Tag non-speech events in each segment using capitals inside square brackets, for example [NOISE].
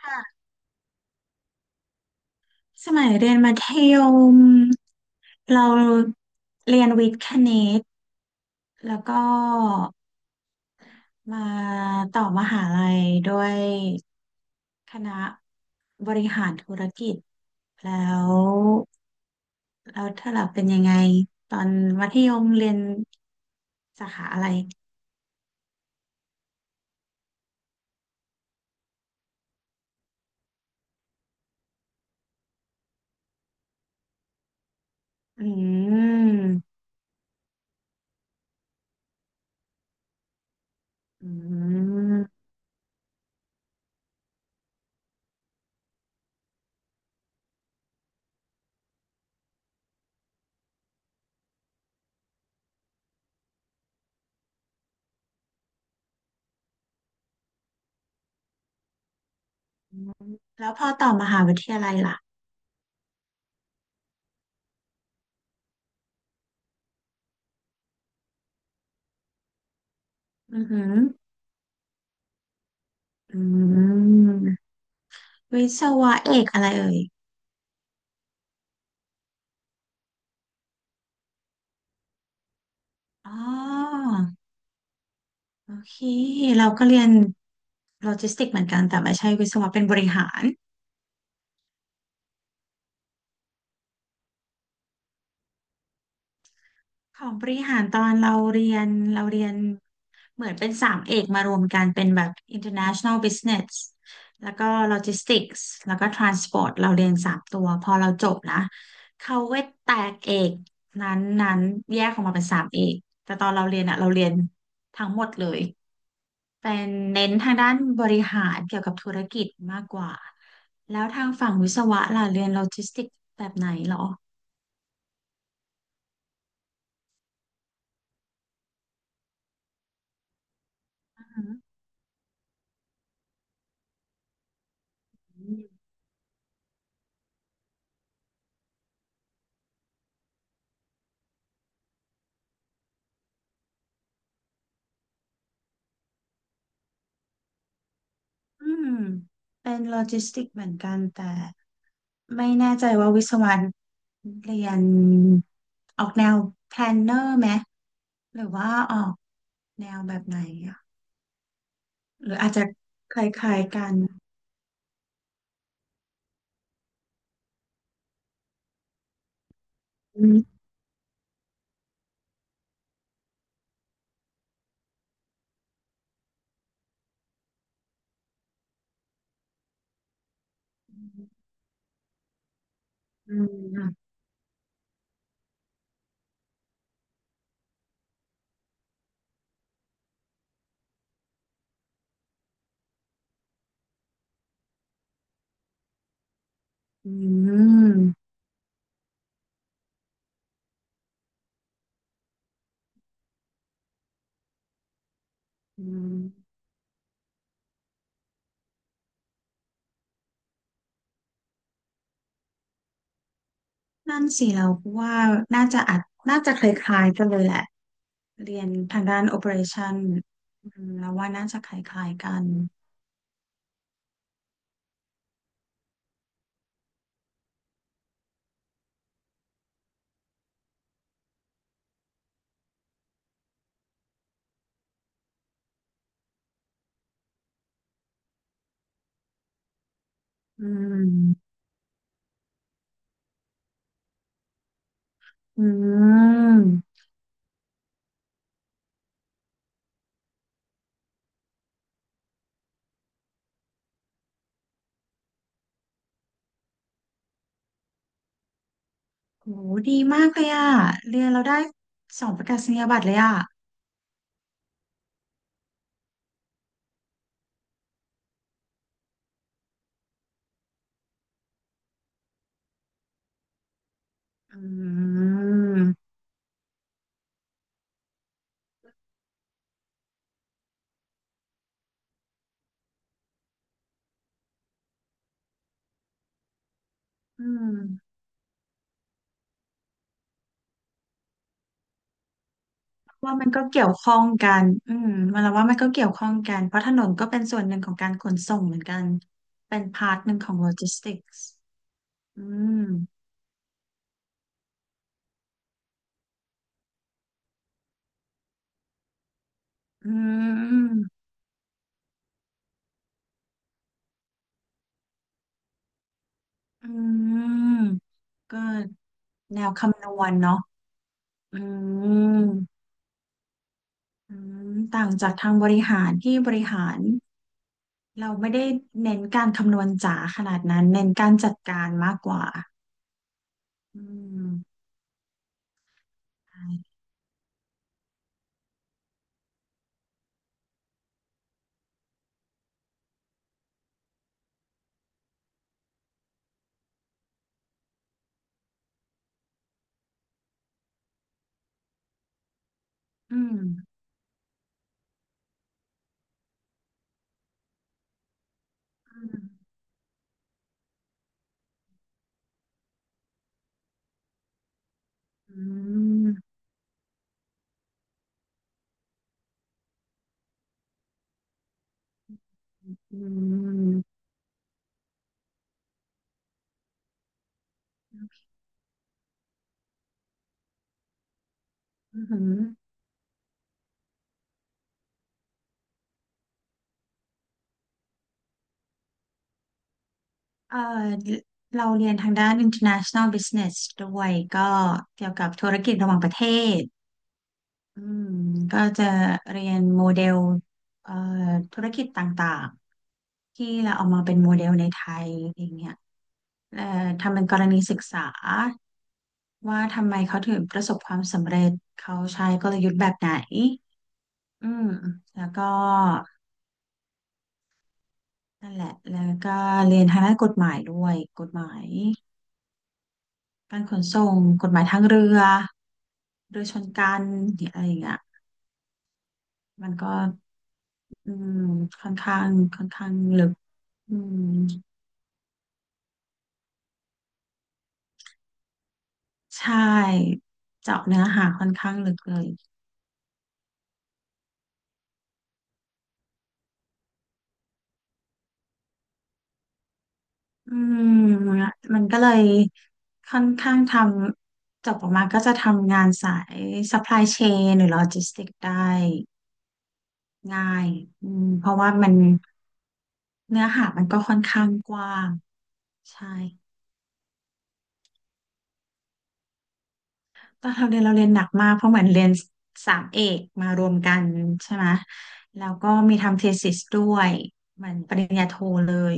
ค่ะสมัยเรียนมัธยมเราเรียนวิทย์คณิตแล้วก็มาต่อมหาลัยด้วยคณะบริหารธุรกิจแล้วแล้วเธอล่ะเป็นยังไงตอนมัธยมเรียนสาขาอะไรอืมอืมแล้วพอต่อมหาวิทยาลัยล่ะอือหืออืมวิศวะเอกอะไรเอ่ยอ๋อ โอเคเราก็เรียนโลจิสติกเหมือนกันแต่ไม่ใช่วิศวะเป็นบริหารของบริหารตอนเราเรียนเราเรียนเหมือนเป็นสามเอกมารวมกันเป็นแบบ International Business แล้วก็ Logistics แล้วก็ Transport เราเรียนสามตัวพอเราจบนะเขาก็แตกเอกนั้นแยกออกมาเป็นสามเอกแต่ตอนเราเรียนอะเราเรียนทั้งหมดเลย เป็นเน้นทางด้านบริหารเกี่ยวกับธุรกิจมากกว่าแล้วทางฝั่งวิศวะล่ะเรียนโลจิสติกแบบไหนเหรออืมอืมเป็นโลจิสติกเหมือนกันแต่ไม่แน่ใจว่าวิศวะเรียนออกแนวแพลนเนอร์ไหมหรือว่าออกแนวแบบไหนอะหรืออาจจะคล้ายๆกันอืมอืมอืมอืม นั่นสิเราว่าน่าจะอาจน่าจะคล้ายๆกันเลยแหละเรียนทางด้าน operation อืมเราว่าน่าจะคล้ายๆกันอืมอืมโหดีมากเลยอ่ะเรียนเราได้สองประกาศนียบัตรเลยอ่ะอืมอืมว่ามันก็เกี่ยวข้องกันอืมมันเราว่ามันก็เกี่ยวข้องกันเพราะถนนก็เป็นส่วนหนึ่งของการขนส่งเหมือนกันเป็นพาร์ทหนึ่งของโลจิสติกส์อืมอืม อืมก็แนวคำนวณเนาะอืมอืมต่างจากทางบริหารที่บริหารเราไม่ได้เน้นการคำนวณจ๋าขนาดนั้นเน้นการจัดการมากกว่าอืมใช่อืมอืมอืมอืมอือหือเอ่อเราเรียนทางด้าน international business ด้วยก็เกี่ยวกับธุรกิจระหว่างประเทศ อืมก็จะเรียนโมเดลเอ่อธุรกิจต่างๆ ที่เราเอามาเป็นโมเดลในไทยอย่างเงี้ยเอ่อทำเป็นกรณีศึกษาว่าทำไมเขาถึงประสบความสำเร็จเขาใช้กลยุทธ์แบบไหนอืมแล้วก็นั่นแหละแล้วก็เรียนทางด้านกฎหมายด้วยกฎหมายการขนส่งกฎหมายทางเรือเรือชนกันเนี่ยอะไรอย่างเงี้ย มันก็อืมค่อนข้างค่อนข้างลึกอืมใช่เจาะเนื้อหาค่อนข้างลึกเลยอืมมันก็เลยค่อนข้างทำจบออกมาก็จะทำงานสาย supply chain หรือ logistics ได้ง่ายอืมเพราะว่ามันเนื้อหามันก็ค่อนข้างกว้างใช่ ตอนเราเรียนเราเรียนหนักมากเพราะเหมือนเรียนสามเอกมารวมกันใช่ไหมแล้วก็มีทำ thesis ด้วยเหมือนปริญญาโทเลย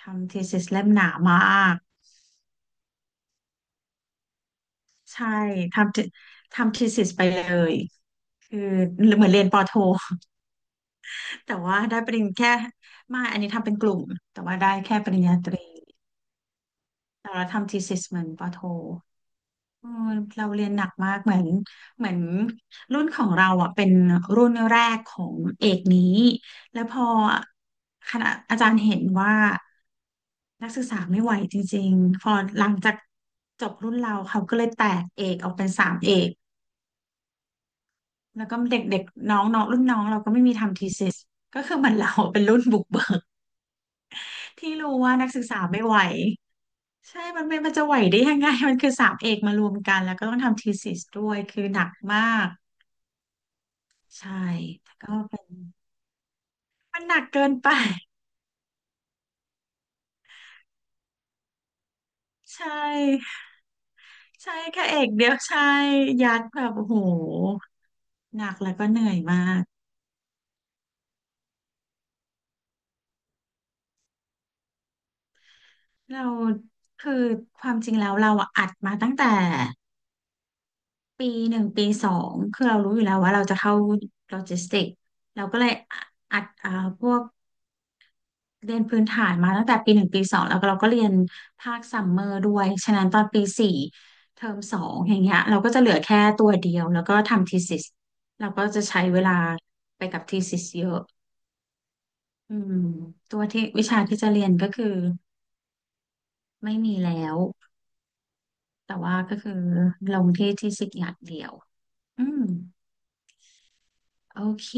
ทำ thesis เล่มหนามากใช่ทำ the- ทำ thesis ไปเลยคือเหมือนเรียนปอโท [LAUGHS] แต่ว่าได้ปริญญาแค่ไมาอันนี้ทำเป็นกลุ่มแต่ว่าได้แค่ปริญญาตรีแต่เราทำ thesis เหมือนปอโท เออเราเรียนหนักมากเหมือนรุ่นของเราอ่ะเป็นรุ่นแรกของเอกนี้แล้วพอคณะอาจารย์เห็นว่านักศึกษาไม่ไหวจริงๆพอหลังจากจบรุ่นเราเขาก็เลยแตกเอกออกเป็นสามเอกแล้วก็เด็กๆน้องน้องรุ่นน้องเราก็ไม่มีทำทีซิสก็คือเหมือนเราเป็นรุ่นบุกเบิกที่รู้ว่านักศึกษาไม่ไหวใช่มันจะไหวได้ยังไง [LAUGHS] มันคือสามเอกมารวมกันแล้วก็ต้องทำทีซิสด้วยคือหนักมาก ใช่แต่ก็เป็นมันหนักเกินไป [LAUGHS] ใช่ใช่แค่เอกเดียวใช่ยัดแบบโอ้โหหนักแล้วก็เหนื่อยมากเราคือความจริงแล้วเราอะอัดมาตั้งแต่ปีหนึ่งปีสองคือเรารู้อยู่แล้วว่าเราจะเข้าโลจิสติกเราก็เลยอัดพวก เรียนพื้นฐานมาตั้งแต่ปีหนึ่งปีสองแล้วก็เราก็เรียนภาคซัมเมอร์ด้วย ฉะนั้นตอนปีสี่เทอมสองอย่างเงี้ยเราก็จะเหลือแค่ตัวเดียวแล้วก็ทำทีซิสเราก็จะใช้เวลาไปกับทีซิสเยอะอืมตัวที่วิชาที่จะเรียนก็คือไม่มีแล้วแต่ว่าก็คือลงที่ทีสิสอย่างเดียวอืมโอเค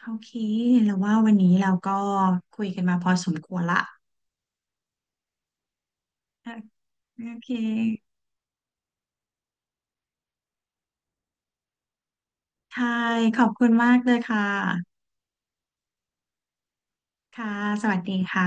โอเคแล้วว่าวันนี้เราก็คุยกันมาพอสมควรละโอเค ใช่ขอบคุณมากเลยค่ะค่ะสวัสดีค่ะ